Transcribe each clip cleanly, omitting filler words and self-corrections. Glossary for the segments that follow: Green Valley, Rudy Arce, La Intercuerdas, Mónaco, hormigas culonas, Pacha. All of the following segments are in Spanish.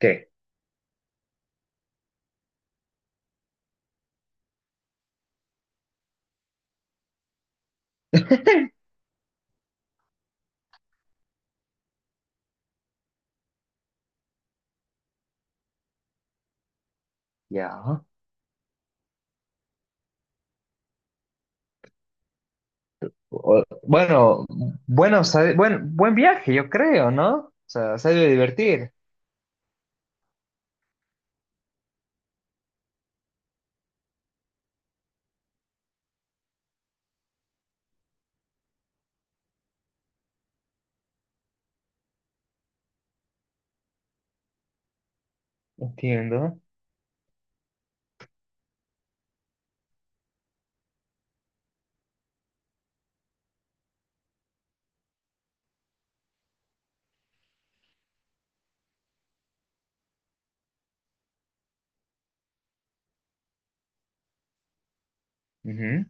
Sí. Ya. O- Bueno, buen viaje, yo creo, ¿no? O sea, se ha de divertir. Entiendo. Ujú.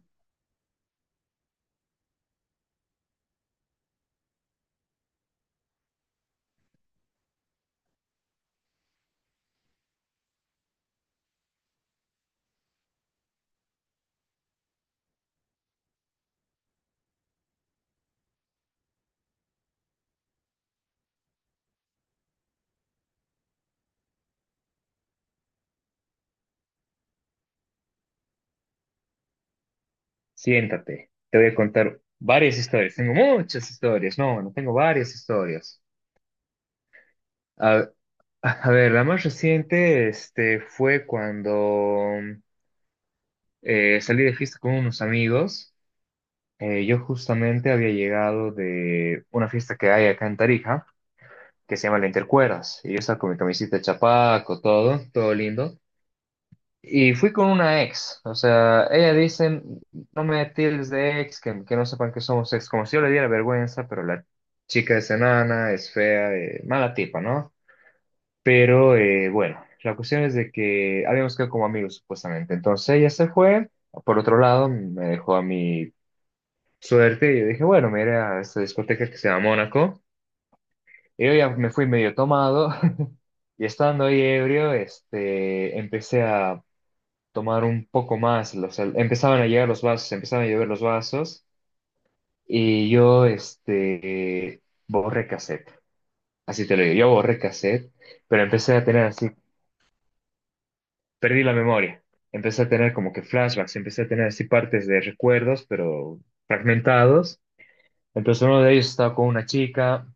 Siéntate. Te voy a contar varias historias. Tengo muchas historias. No, tengo varias historias. A, a ver, la más reciente, fue cuando salí de fiesta con unos amigos. Yo justamente había llegado de una fiesta que hay acá en Tarija, que se llama La Intercuerdas. Y yo estaba con mi camisita de chapaco, todo, todo lindo. Y fui con una ex. O sea, ella dice, no me tildes de ex, que no sepan que somos ex, como si yo le diera vergüenza, pero la chica es enana, es fea, mala tipa, ¿no? Pero bueno, la cuestión es de que habíamos quedado como amigos supuestamente. Entonces ella se fue por otro lado, me dejó a mi suerte y yo dije, bueno, me iré a esta discoteca que se llama Mónaco. Y yo ya me fui medio tomado y estando ahí ebrio, empecé a tomar un poco más. O sea, empezaban a llegar los vasos, empezaban a llover los vasos y yo, borré cassette, así te lo digo, yo borré cassette, pero empecé a tener así, perdí la memoria, empecé a tener como que flashbacks, empecé a tener así partes de recuerdos, pero fragmentados. Entonces uno de ellos estaba con una chica.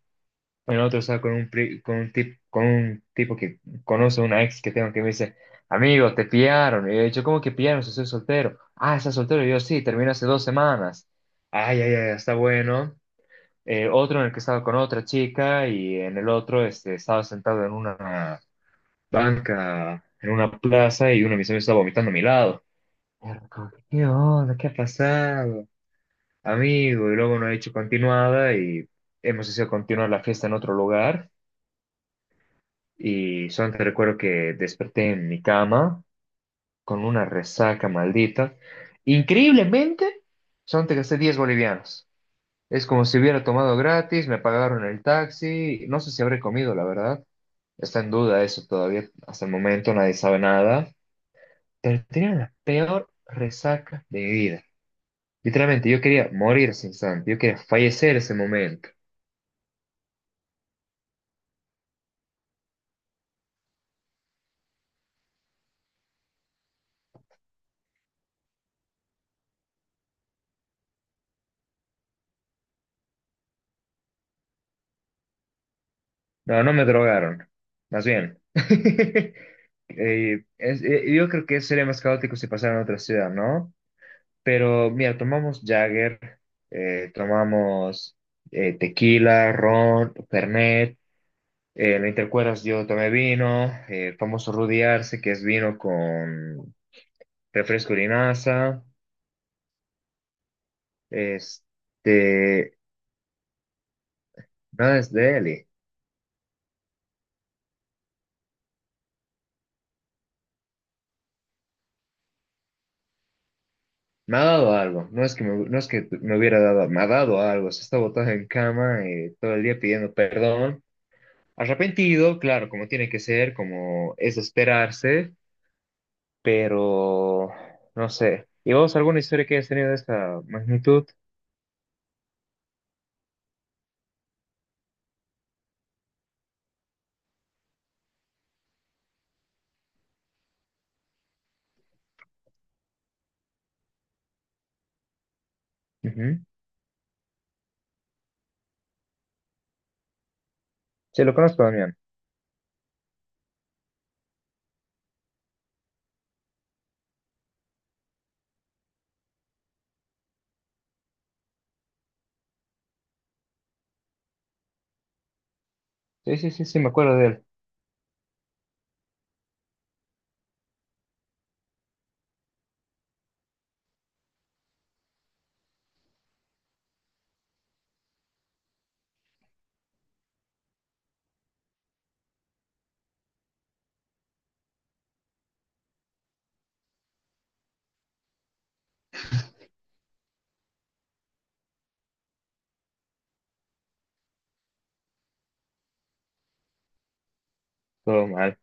El otro estaba con un tipo que conoce a una ex que tengo que me dice, amigo, te pillaron. Y yo, ¿cómo que pillaron? Si soy soltero. Ah, ¿estás soltero? Y yo, sí, terminé hace 2 semanas. Ay, ay, ay, está bueno. Otro en el que estaba con otra chica, y en el otro estaba sentado en una banca, en una plaza, y uno de mis amigos estaba vomitando a mi lado. Y yo, como que, ¿qué onda? ¿Qué ha pasado? Amigo, y luego no he hecho continuada y hemos decidido continuar la fiesta en otro lugar. Y solamente recuerdo que desperté en mi cama con una resaca maldita. Increíblemente, solamente gasté 10 bolivianos. Es como si hubiera tomado gratis, me pagaron el taxi. No sé si habré comido, la verdad. Está en duda eso todavía. Hasta el momento nadie sabe nada. Pero tenía la peor resaca de mi vida. Literalmente, yo quería morir ese instante. Yo quería fallecer ese momento. No, no me drogaron. Más bien. Yo creo que sería más caótico si pasara en otra ciudad, ¿no? Pero mira, tomamos Jagger, tomamos tequila, ron, Fernet. ¿No te acuerdas? Yo tomé vino, famoso Rudy Arce, que es vino con refresco de linaza. Este, nada es de Eli. Me ha dado algo. No es que me, no es que me hubiera dado, me ha dado algo. Se está botado en cama todo el día pidiendo perdón. Arrepentido, claro, como tiene que ser, como es de esperarse, pero no sé. ¿Y vos alguna historia que hayas tenido de esta magnitud? Ujú. Sí, lo conozco, Damián. Sí, sí, sí, sí, me acuerdo de él. Todo mal.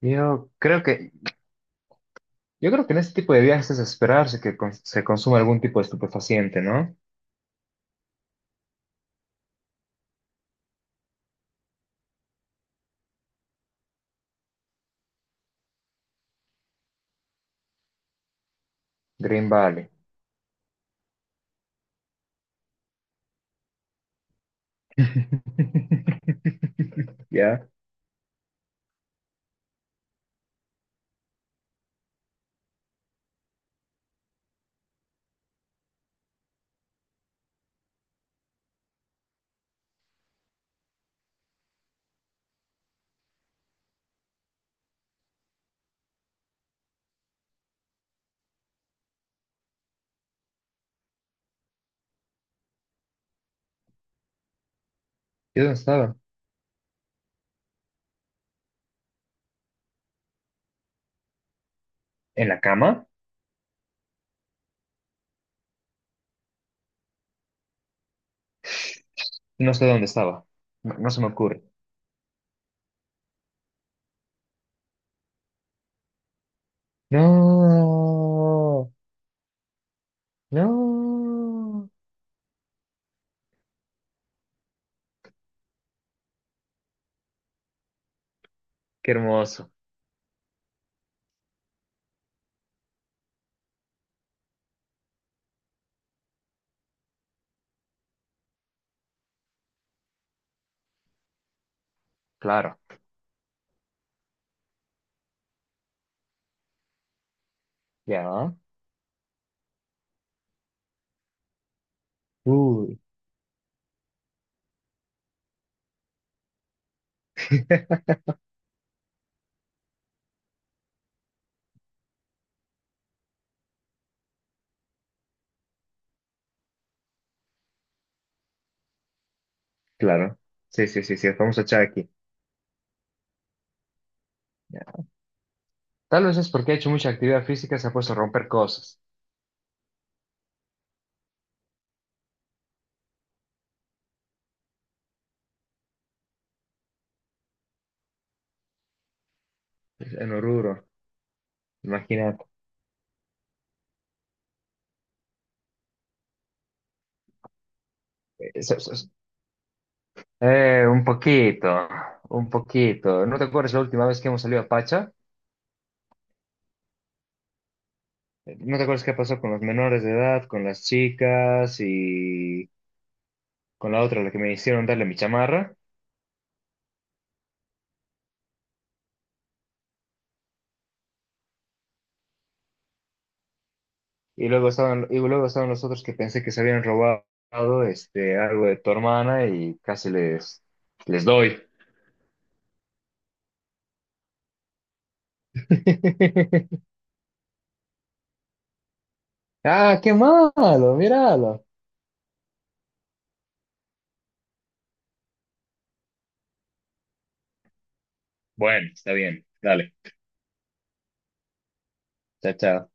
Yo creo que, yo creo que en este tipo de viajes es esperarse que se consuma algún tipo de estupefaciente, ¿no? Green Valley. ¿Ya? ¿Yo dónde estaba? ¿En la cama? No sé dónde estaba. No, no se me ocurre. No. No, qué hermoso. Claro, ya. Uy, claro. Sí, sí, sí, sí, vamos a echar aquí. Ya. Tal vez es porque ha hecho mucha actividad física, se ha puesto a romper cosas. En Oruro, imagínate. Es- es- es- un poquito, un poquito. ¿No te acuerdas la última vez que hemos salido a Pacha? ¿No te acuerdas qué pasó con los menores de edad, con las chicas y con la otra, la que me hicieron darle mi chamarra? Y luego estaban los otros que pensé que se habían robado algo de tu hermana y casi les, les doy. Ah, qué malo, míralo. Bueno, está bien, dale. Chao, chao.